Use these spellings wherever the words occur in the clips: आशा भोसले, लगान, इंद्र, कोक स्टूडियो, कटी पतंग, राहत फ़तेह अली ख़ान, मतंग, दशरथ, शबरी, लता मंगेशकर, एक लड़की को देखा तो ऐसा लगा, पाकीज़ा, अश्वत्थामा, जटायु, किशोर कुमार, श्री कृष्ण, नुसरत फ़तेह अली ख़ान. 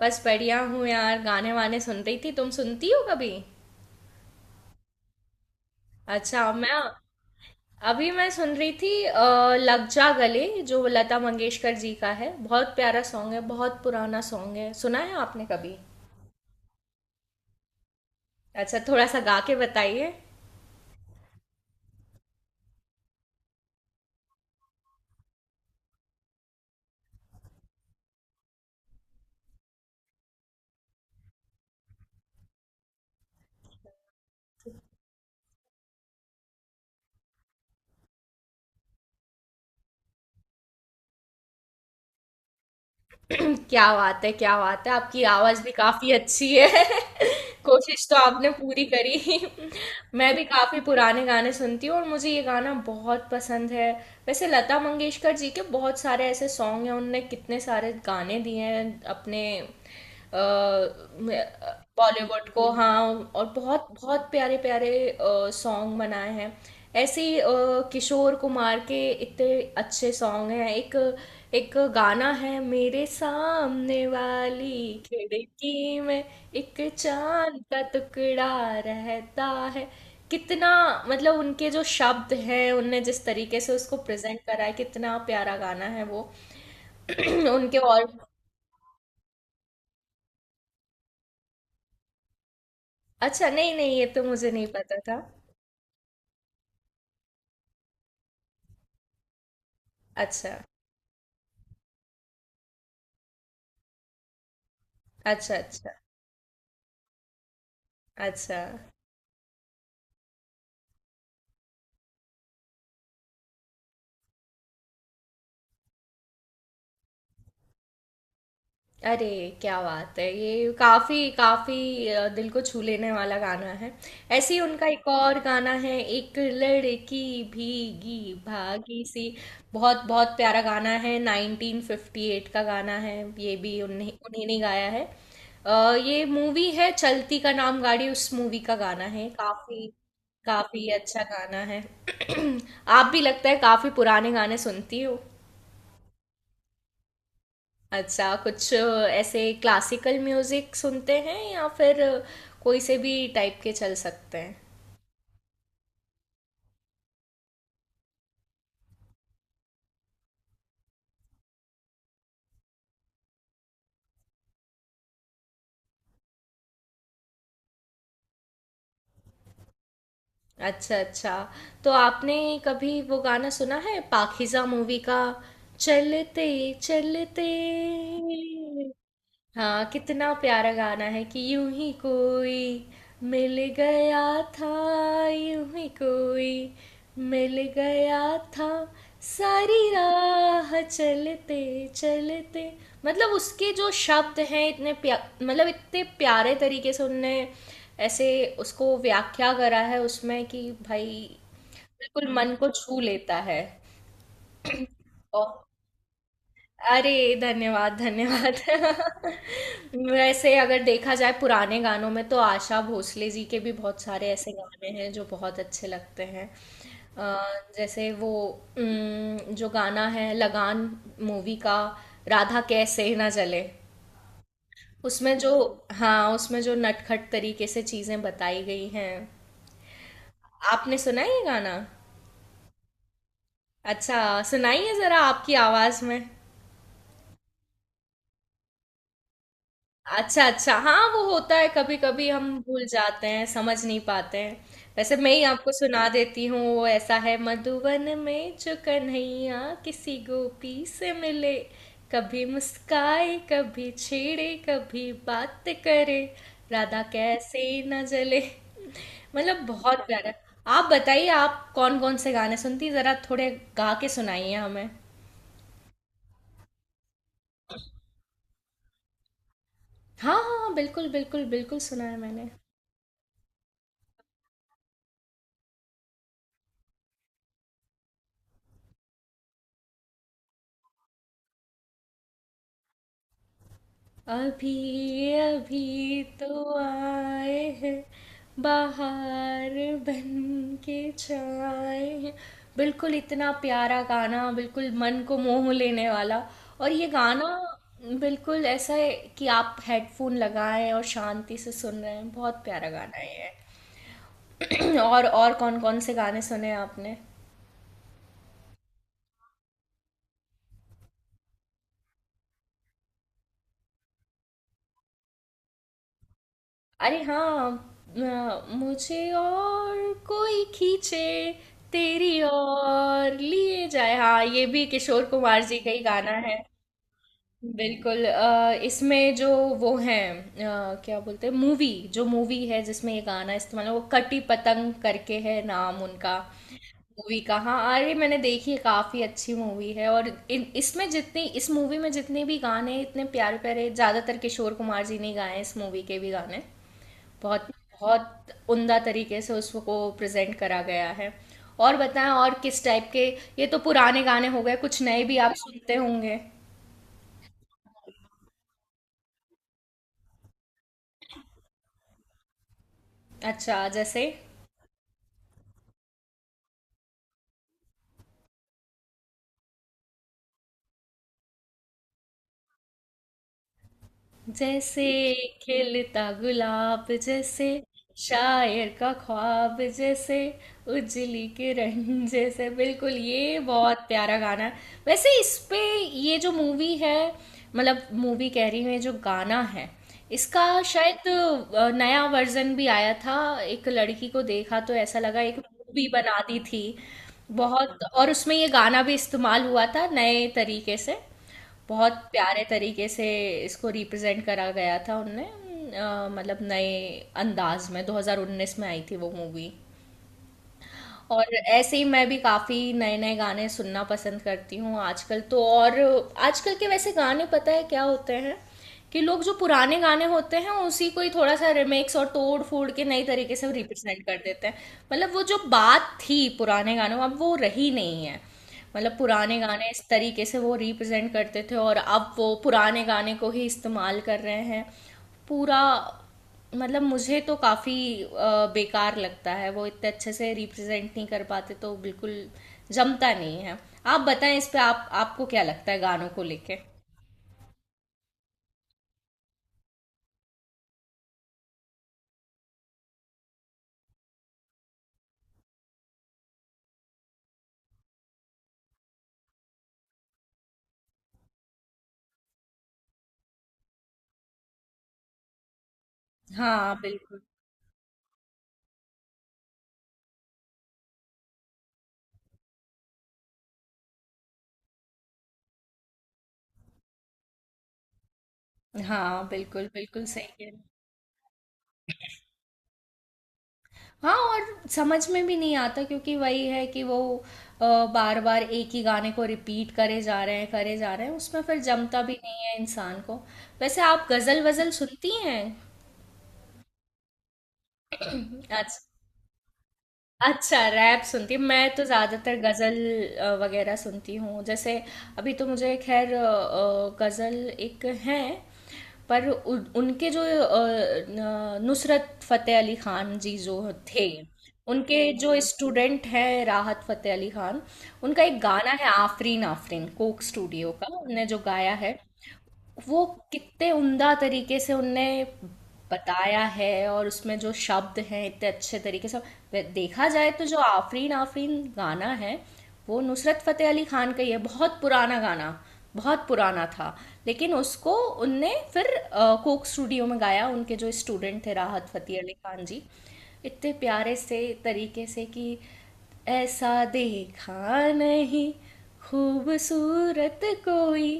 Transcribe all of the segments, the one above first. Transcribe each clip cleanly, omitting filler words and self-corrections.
बस बढ़िया हूँ यार। गाने वाने सुन रही थी। तुम सुनती हो कभी? अच्छा। मैं अभी मैं सुन रही थी लग जा गले, जो लता मंगेशकर जी का है। बहुत प्यारा सॉन्ग है, बहुत पुराना सॉन्ग है। सुना है आपने कभी? अच्छा, थोड़ा सा गा के बताइए। क्या बात है! क्या बात है! आपकी आवाज़ भी काफ़ी अच्छी है। कोशिश तो आपने पूरी करी। मैं भी काफ़ी पुराने गाने सुनती हूँ और मुझे ये गाना बहुत पसंद है। वैसे लता मंगेशकर जी के बहुत सारे ऐसे सॉन्ग हैं, उनने कितने सारे गाने दिए हैं अपने बॉलीवुड को, हाँ। और बहुत बहुत प्यारे प्यारे सॉन्ग बनाए हैं। ऐसे ही, किशोर कुमार के इतने अच्छे सॉन्ग हैं। एक एक गाना है, मेरे सामने वाली खिड़की में एक चांद का टुकड़ा रहता है। कितना, मतलब उनके जो शब्द हैं, उनने जिस तरीके से उसको प्रेजेंट करा है, कितना प्यारा गाना है वो। उनके और अच्छा, नहीं नहीं, ये तो मुझे नहीं पता था। अच्छा। अच्छा। अच्छा। अच्छा। अरे क्या बात है! ये काफ़ी काफ़ी दिल को छू लेने वाला गाना है। ऐसे ही उनका एक और गाना है, एक लड़की भीगी भागी सी। बहुत बहुत प्यारा गाना है, 1958 का गाना है। ये भी उन्हीं उन्हीं ने गाया है। ये मूवी है चलती का नाम गाड़ी, उस मूवी का गाना है। काफ़ी काफ़ी अच्छा गाना है। आप भी लगता है काफ़ी पुराने गाने सुनती हो। अच्छा, कुछ ऐसे क्लासिकल म्यूजिक सुनते हैं या फिर कोई से भी टाइप के चल सकते हैं? अच्छा अच्छा। तो आपने कभी वो गाना सुना है पाकीज़ा मूवी का, चलते चलते? हाँ, कितना प्यारा गाना है कि यूं ही कोई मिल गया था, यूं ही कोई मिल गया था, सारी राह चलते चलते। मतलब उसके जो शब्द हैं, इतने प्या मतलब इतने प्यारे तरीके से उनने ऐसे उसको व्याख्या करा है उसमें कि भाई, बिल्कुल मन को छू लेता है। और अरे धन्यवाद धन्यवाद। वैसे अगर देखा जाए पुराने गानों में तो आशा भोसले जी के भी बहुत सारे ऐसे गाने हैं जो बहुत अच्छे लगते हैं। जैसे वो जो गाना है लगान मूवी का, राधा कैसे ना जले, उसमें जो, हाँ, उसमें जो नटखट तरीके से चीजें बताई गई हैं। आपने सुना है ये गाना? अच्छा, सुनाइए जरा आपकी आवाज में। अच्छा अच्छा। हाँ वो होता है, कभी कभी हम भूल जाते हैं, समझ नहीं पाते हैं। वैसे मैं ही आपको सुना देती हूँ। वो ऐसा है, मधुवन में जो कन्हैया किसी गोपी से मिले, कभी मुस्काए, कभी छेड़े, कभी बात करे, राधा कैसे न जले। मतलब बहुत प्यारा। आप बताइए, आप कौन कौन से गाने सुनती हैं? जरा थोड़े गा के सुनाइए हमें। हाँ हाँ हाँ, बिल्कुल बिल्कुल बिल्कुल सुना है मैंने। अभी अभी तो आए हैं बाहर, बन के छाए हैं। बिल्कुल इतना प्यारा गाना, बिल्कुल मन को मोह लेने वाला। और ये गाना बिल्कुल ऐसा है कि आप हेडफोन लगाएं और शांति से सुन रहे हैं, बहुत प्यारा गाना है ये। और कौन कौन से गाने सुने आपने? अरे हाँ, मुझे और कोई खींचे तेरी और लिए जाए। हाँ ये भी किशोर कुमार जी का ही गाना है। बिल्कुल। इसमें जो वो हैं, क्या बोलते हैं मूवी, जो मूवी है जिसमें ये गाना इस्तेमाल है, वो कटी पतंग करके है नाम उनका मूवी का, हाँ। अरे मैंने देखी है, काफी अच्छी मूवी है। और इन इसमें जितनी इस मूवी में जितने भी गाने हैं, इतने प्यारे प्यारे, ज्यादातर किशोर कुमार जी ने ही गाए हैं इस मूवी के भी गाने। बहुत बहुत उम्दा तरीके से उसको प्रेजेंट करा गया है। और बताएं, और किस टाइप के? ये तो पुराने गाने हो गए, कुछ नए भी आप सुनते होंगे। अच्छा, जैसे जैसे खिलता गुलाब जैसे, शायर का ख्वाब जैसे, उजली किरण जैसे, बिल्कुल ये बहुत प्यारा गाना है। वैसे इस पे ये जो मूवी है, मतलब मूवी कह रही हूँ, ये जो गाना है इसका शायद नया वर्जन भी आया था। एक लड़की को देखा तो ऐसा लगा, एक मूवी बना दी थी बहुत। और उसमें ये गाना भी इस्तेमाल हुआ था नए तरीके से, बहुत प्यारे तरीके से इसको रिप्रेजेंट करा गया था उनने, मतलब नए अंदाज में। 2019 में आई थी वो मूवी। और ऐसे ही मैं भी काफ़ी नए नए गाने सुनना पसंद करती हूँ आजकल तो। और आजकल के वैसे गाने पता है क्या होते हैं कि लोग जो पुराने गाने होते हैं उसी को ही थोड़ा सा रिमिक्स और तोड़ फोड़ के नई तरीके से रिप्रेजेंट कर देते हैं। मतलब वो जो बात थी पुराने गानों में, अब वो रही नहीं है। मतलब पुराने गाने इस तरीके से वो रिप्रेजेंट करते थे, और अब वो पुराने गाने को ही इस्तेमाल कर रहे हैं पूरा। मतलब मुझे तो काफ़ी बेकार लगता है, वो इतने अच्छे से रिप्रेजेंट नहीं कर पाते तो बिल्कुल जमता नहीं है। आप बताएं इस पे, आप आपको क्या लगता है गानों को लेके? हाँ बिल्कुल, हाँ बिल्कुल बिल्कुल सही कह रहे हैं। हाँ, और समझ में भी नहीं आता, क्योंकि वही है कि वो बार बार एक ही गाने को रिपीट करे जा रहे हैं करे जा रहे हैं, उसमें फिर जमता भी नहीं है इंसान को। वैसे आप गजल वजल सुनती हैं? अच्छा, अच्छा रैप सुनती हूँ। मैं तो ज़्यादातर गज़ल वगैरह सुनती हूँ। जैसे अभी तो मुझे खैर गज़ल एक हैं। पर उनके जो नुसरत फ़तेह अली ख़ान जी जो थे, उनके जो स्टूडेंट हैं राहत फ़तेह अली ख़ान, उनका एक गाना है आफरीन आफरीन, कोक स्टूडियो का, उनने जो गाया है। वो कितने उम्दा तरीके से उनने बताया है, और उसमें जो शब्द हैं इतने अच्छे तरीके से। देखा जाए तो जो आफरीन आफरीन गाना है, वो नुसरत फ़तेह अली खान का ही है, बहुत पुराना गाना, बहुत पुराना था। लेकिन उसको उनने फिर कोक स्टूडियो में गाया, उनके जो स्टूडेंट थे राहत फ़तेह अली खान जी, इतने प्यारे से तरीके से कि ऐसा देखा नहीं, खूबसूरत कोई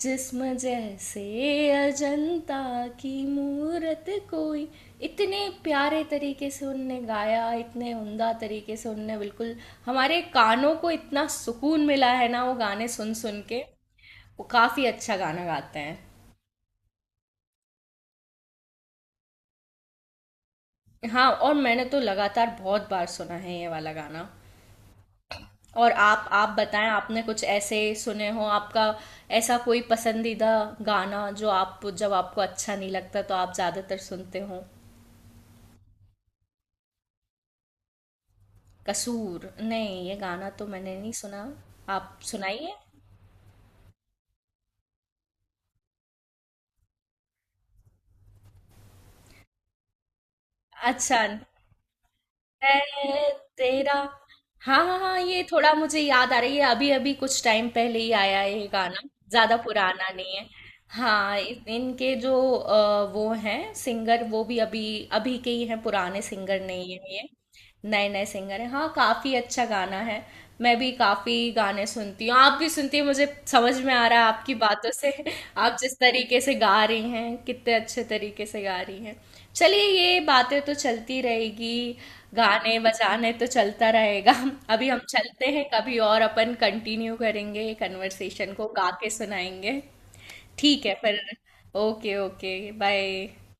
जिस्म जैसे अजंता की मूरत कोई, इतने प्यारे तरीके से उनने गाया, इतने उमदा तरीके से उनने। बिल्कुल हमारे कानों को इतना सुकून मिला है ना वो गाने सुन सुन के। वो काफ़ी अच्छा गाना गाते हैं। हाँ, और मैंने तो लगातार बहुत बार सुना है ये वाला गाना। और आप बताएं, आपने कुछ ऐसे सुने हो आपका ऐसा कोई पसंदीदा गाना, जो आप, जब आपको अच्छा नहीं लगता तो आप ज़्यादातर सुनते हो? कसूर नहीं, ये गाना तो मैंने नहीं सुना। आप सुनाइए। अच्छा, ए, तेरा, हाँ हाँ हाँ, ये थोड़ा मुझे याद आ रही है, अभी अभी कुछ टाइम पहले ही आया है ये गाना, ज्यादा पुराना नहीं है। हाँ, इनके जो वो हैं सिंगर, वो भी अभी अभी के ही हैं, पुराने सिंगर नहीं है ये, नए नए सिंगर हैं। हाँ, काफ़ी अच्छा गाना है। मैं भी काफ़ी गाने सुनती हूँ, आप भी सुनती हैं, मुझे समझ में आ रहा है आपकी बातों से। आप जिस तरीके से गा रही हैं, कितने अच्छे तरीके से गा रही हैं। चलिए, ये बातें तो चलती रहेगी, गाने बजाने तो चलता रहेगा। अभी हम चलते हैं, कभी और अपन कंटिन्यू करेंगे ये कन्वर्सेशन को, गा के सुनाएंगे। ठीक है फिर। Okay okay. बाय।